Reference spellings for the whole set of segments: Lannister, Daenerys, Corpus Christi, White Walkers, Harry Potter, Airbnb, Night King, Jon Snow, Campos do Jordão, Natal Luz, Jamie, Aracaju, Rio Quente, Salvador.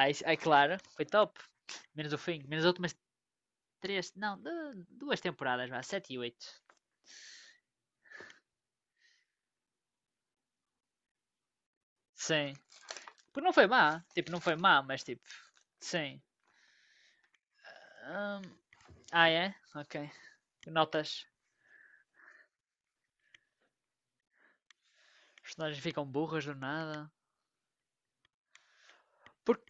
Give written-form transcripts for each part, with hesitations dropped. Aí claro, foi top. Menos o fim, menos as últimas três, não, duas temporadas, vá, sete e oito. Sim. Porque não foi má, tipo, não foi má, mas tipo, sim. Hum, ah, é? Ok. Notas. Os personagens ficam burras do nada. Porque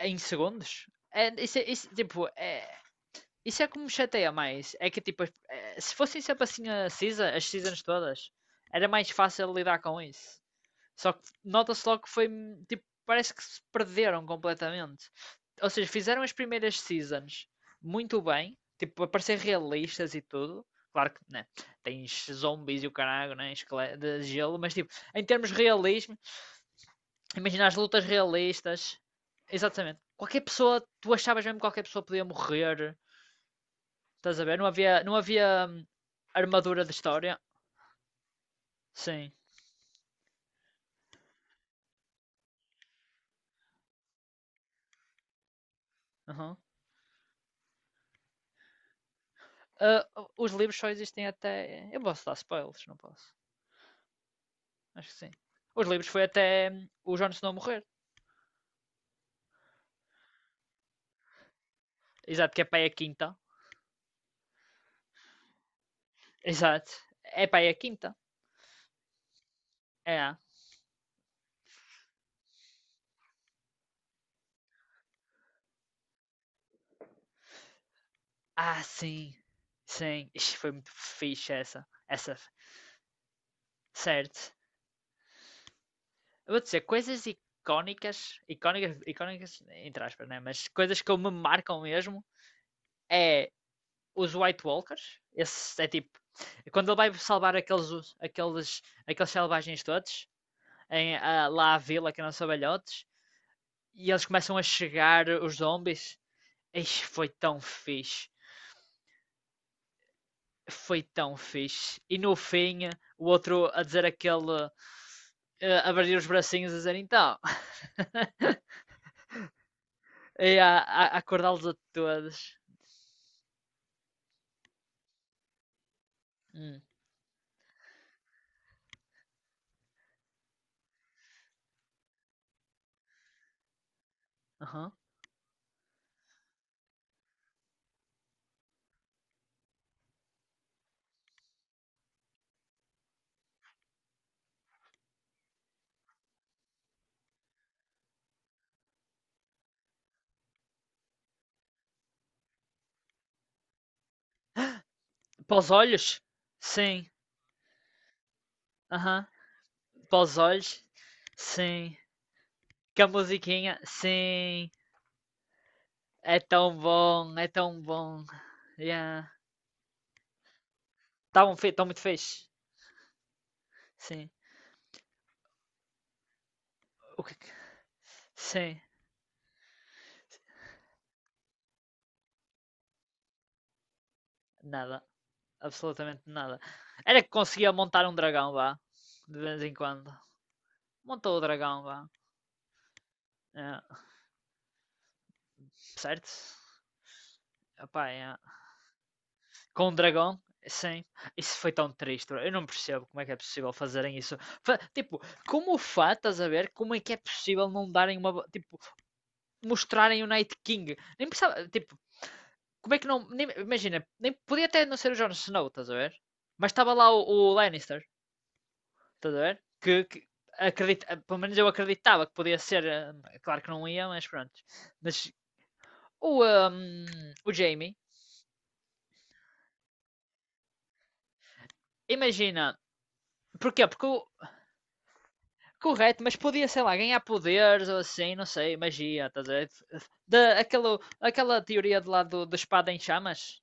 em segundos? É, isso, isso, tipo, isso é como me chateia mais. É que tipo, se fossem sempre assim as seasons todas, era mais fácil lidar com isso. Só que nota-se logo que foi tipo, parece que se perderam completamente. Ou seja, fizeram as primeiras seasons muito bem, tipo, a parecer realistas e tudo. Claro que, né, tens zombies e o caralho, né, de gelo, mas tipo, em termos de realismo, imagina as lutas realistas. Exatamente. Qualquer pessoa, tu achavas mesmo que qualquer pessoa podia morrer, estás a ver? Não havia, não havia armadura de história. Sim. Aham. Ah, os livros só existem até. Eu posso dar spoilers, não posso. Acho que sim. Os livros foi até o Jon Snow morrer. Exato, que é para aí a quinta. Exato. É para aí a quinta. É. Ah, sim. Sim. Ixi, foi muito fixe essa. Essa. Certo. Eu vou dizer, coisas icónicas. Icónicas, icónicas, entre aspas, né? Mas coisas que me marcam mesmo é os White Walkers. Esse é tipo. Quando ele vai salvar aqueles selvagens todos, lá à vila que não são velhotes, e eles começam a chegar, os zombies, Ixi, foi tão fixe. Foi tão fixe. E no fim, o outro a dizer aquele. A abrir os bracinhos a dizer então. E a acordá-los a todos. Hum, aham. Para os olhos? Sim. Aham. Para os olhos? Sim. Que a musiquinha? Sim. É tão bom, é tão bom. Yeah. Estavam tão muito fixe. Sim. O que- Sim. Nada. Absolutamente nada. Era que conseguia montar um dragão, vá. De vez em quando. Montou o dragão, vá. É, certo? Epá, é. Com um dragão, sim. Isso foi tão triste. Eu não percebo como é que é possível fazerem isso. Tipo, como o Fá, estás a ver? Como é que é possível não darem uma. Tipo, mostrarem o Night King? Nem precisava. Tipo, como é que não. Imagina, nem, podia até não ser o Jon Snow, estás a ver? Mas estava lá o Lannister. Estás a ver? Que acredita, pelo menos eu acreditava que podia ser, claro que não ia, mas pronto. Mas o, ehm, o Jamie, imagina, porquê? Porque correto, mas podia, sei lá, ganhar poderes ou assim, não sei, magia, estás a ver? Aquela teoria de lá da espada em chamas?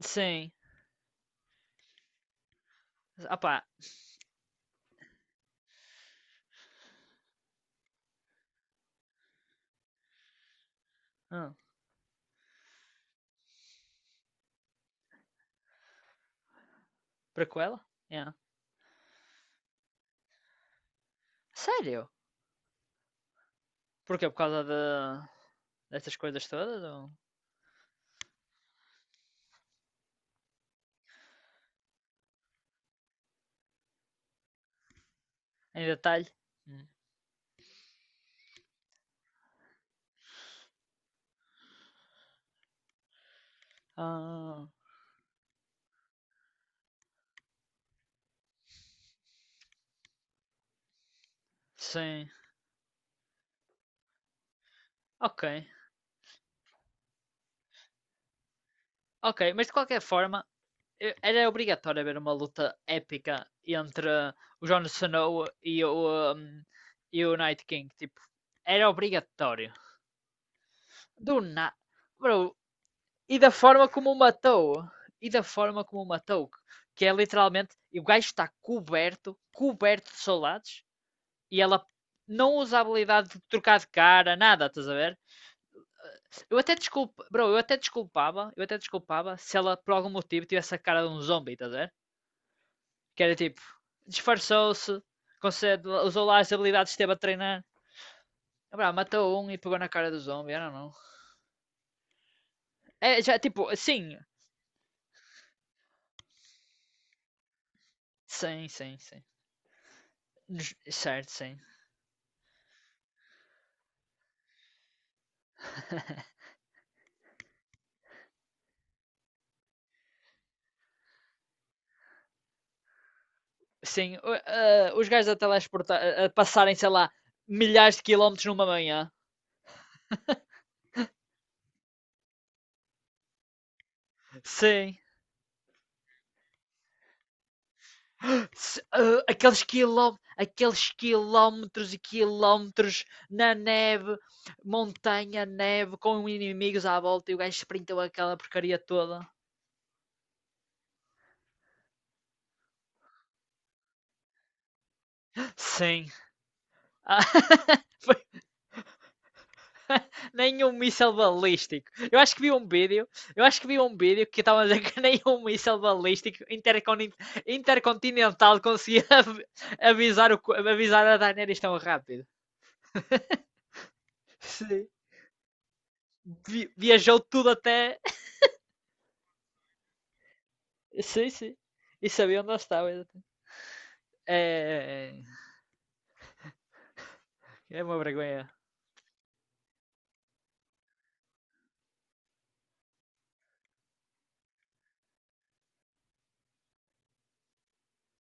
Sim. Ah pá, hum, prequela? Yeah. Sério? Porquê? Por causa dessas coisas todas? Ou... Em detalhe? Hum. Ah, sim. Ok. Ok, mas de qualquer forma, era obrigatório haver uma luta épica entre o Jon Snow e o Night King. Tipo, era obrigatório. Do na... Bro, e da forma como o matou. E da forma como o matou. Que é literalmente, e o gajo está coberto, coberto de soldados, e ela não usa a habilidade de trocar de cara, nada, estás a ver? Eu até desculpa, bro, eu até desculpava, se ela por algum motivo tivesse a cara de um zombie, estás a ver? Que era tipo, disfarçou-se, usou lá as habilidades que esteve a treinar. Ah, pá, matou um e pegou na cara do zombie, I não. know. É, já, tipo, sim. Sim, sim, sim. Certo, sim. Sim, os gajos a teleportar, a passarem, sei lá, milhares de quilómetros numa manhã. Sim. Aqueles quilómetros, aqueles quilómetros e quilómetros na neve, montanha, neve, com inimigos à volta e o gajo sprintou aquela porcaria toda. Sim. Ah, foi nenhum míssel balístico. Eu acho que vi um vídeo que estava a dizer que nenhum míssel balístico intercontinental conseguia avisar a Daenerys tão rápido. Sim. Viajou tudo até. Sim, sim. E sabia onde ela estava. Exatamente. É, é uma vergonha.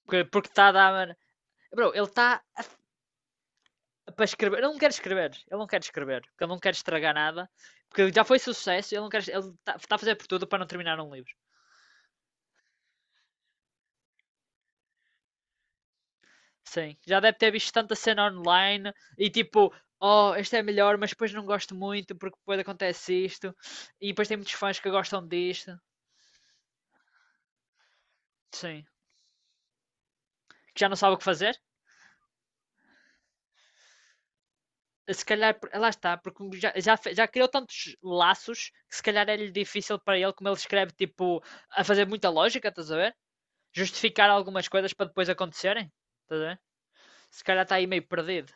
Porque está a dar. Bro, ele está para escrever. Ele não quer escrever. Ele não quer escrever. Porque ele não quer estragar nada. Porque já foi sucesso. Ele não quer. Ele está tá a fazer por tudo para não terminar um livro. Sim. Já deve ter visto tanta cena online e tipo. Oh, este é melhor, mas depois não gosto muito porque depois acontece isto. E depois tem muitos fãs que gostam disto. Sim. Que já não sabe o que fazer. Se calhar, lá está, porque já criou tantos laços que se calhar é-lhe difícil para ele, como ele escreve, tipo, a fazer muita lógica, estás a ver? Justificar algumas coisas para depois acontecerem, estás a ver? Se calhar está aí meio perdido.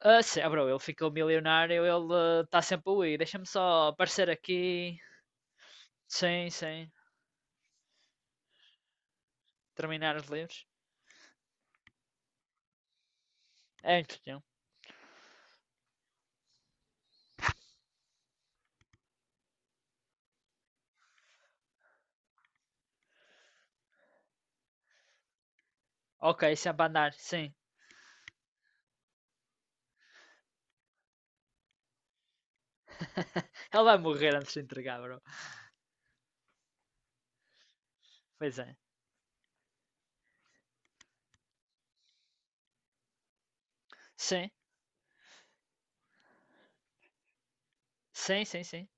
Ah, sim, ah, bro, ele ficou milionário, ele está sempre a ir. Deixa-me só aparecer aqui. Sim, sim. Terminar os livros. É impossível. Ok, sempre a andar, sim. Ele vai morrer antes de entregar, bro. Pois é. Sim, sim, sim, sim.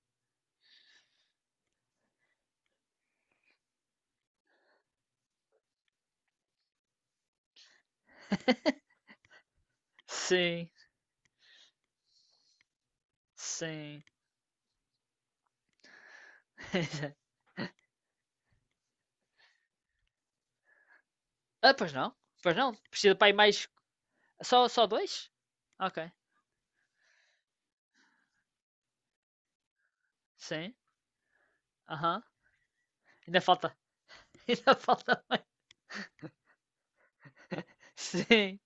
Sim, sim. Ah, pois não. Pois não. Precisa para aí mais. Só dois? Ok. Sim. Aham. Uhum. Ainda falta. Ainda falta mais. Sim.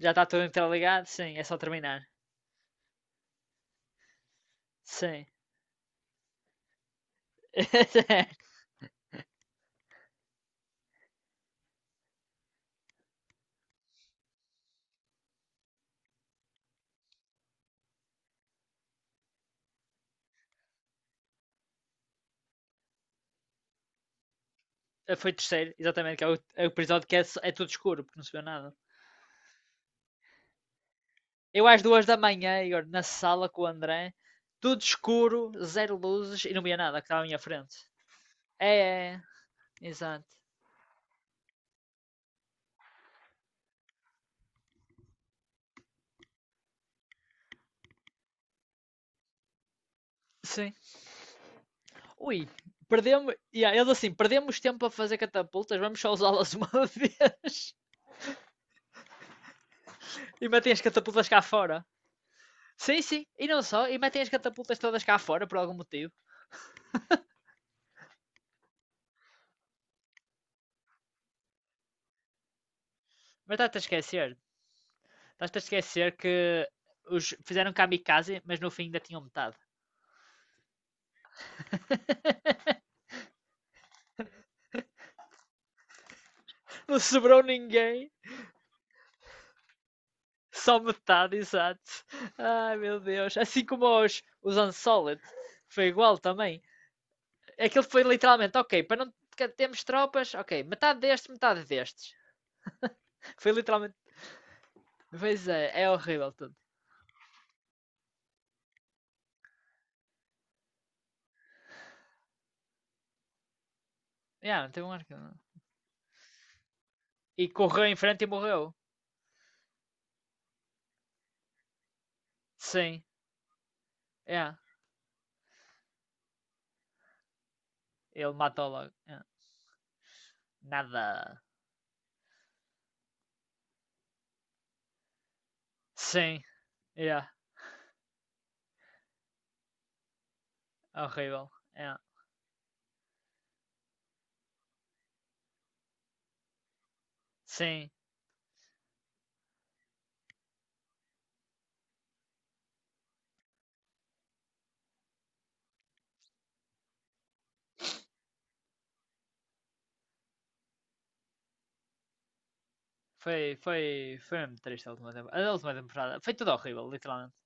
Já está tudo interligado? Sim, é só terminar. Sim. Foi terceiro, exatamente, que é o episódio que é tudo escuro, porque não se vê nada. Eu às 2 da manhã, Igor, na sala com o André, tudo escuro, zero luzes e não via nada que estava à minha frente. É, exato. Sim. Ui, perdemos. Yeah, eles assim, perdemos tempo a fazer catapultas, vamos só usá-las uma vez e metem as catapultas cá fora. Sim, sim, e não só, e metem as catapultas todas cá fora por algum motivo. Mas estás-te a esquecer que os fizeram kamikaze, mas no fim ainda tinham metade. Não sobrou ninguém. Só metade, exato. Ai meu Deus. Assim como os Unsolid. Foi igual também. Aquilo foi literalmente, ok, para não termos tropas, ok, metade destes, metade destes. Foi literalmente. Pois é horrível tudo. Yeah, não teve um arco. E correu em frente e morreu. Sim, yeah. Ele matou logo. Yeah. Nada. Sim, yeah. Horrível. Yeah. Sim, foi mesmo triste a última temporada. A última temporada. Foi tudo horrível, literalmente.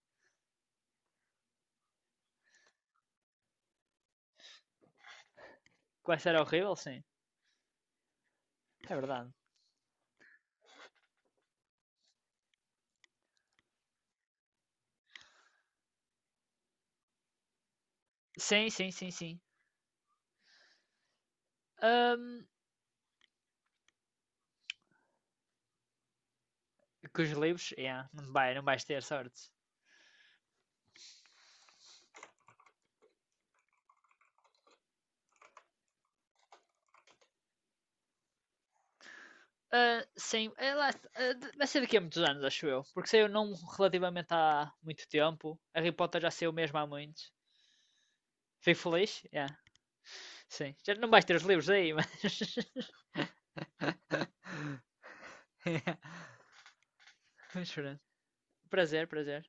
Quase era horrível, sim. É verdade. Sim, sim, sim, sim. Ahm, com os livros, yeah, não, não vais ter sorte. Ah, sim, ah, vai ser daqui a muitos anos, acho eu. Porque saiu não relativamente há muito tempo. Harry Potter já saiu mesmo há muitos. Fico feliz? Yeah, sim. Já não vais ter os livros aí, mas. Yeah. Prazer, prazer.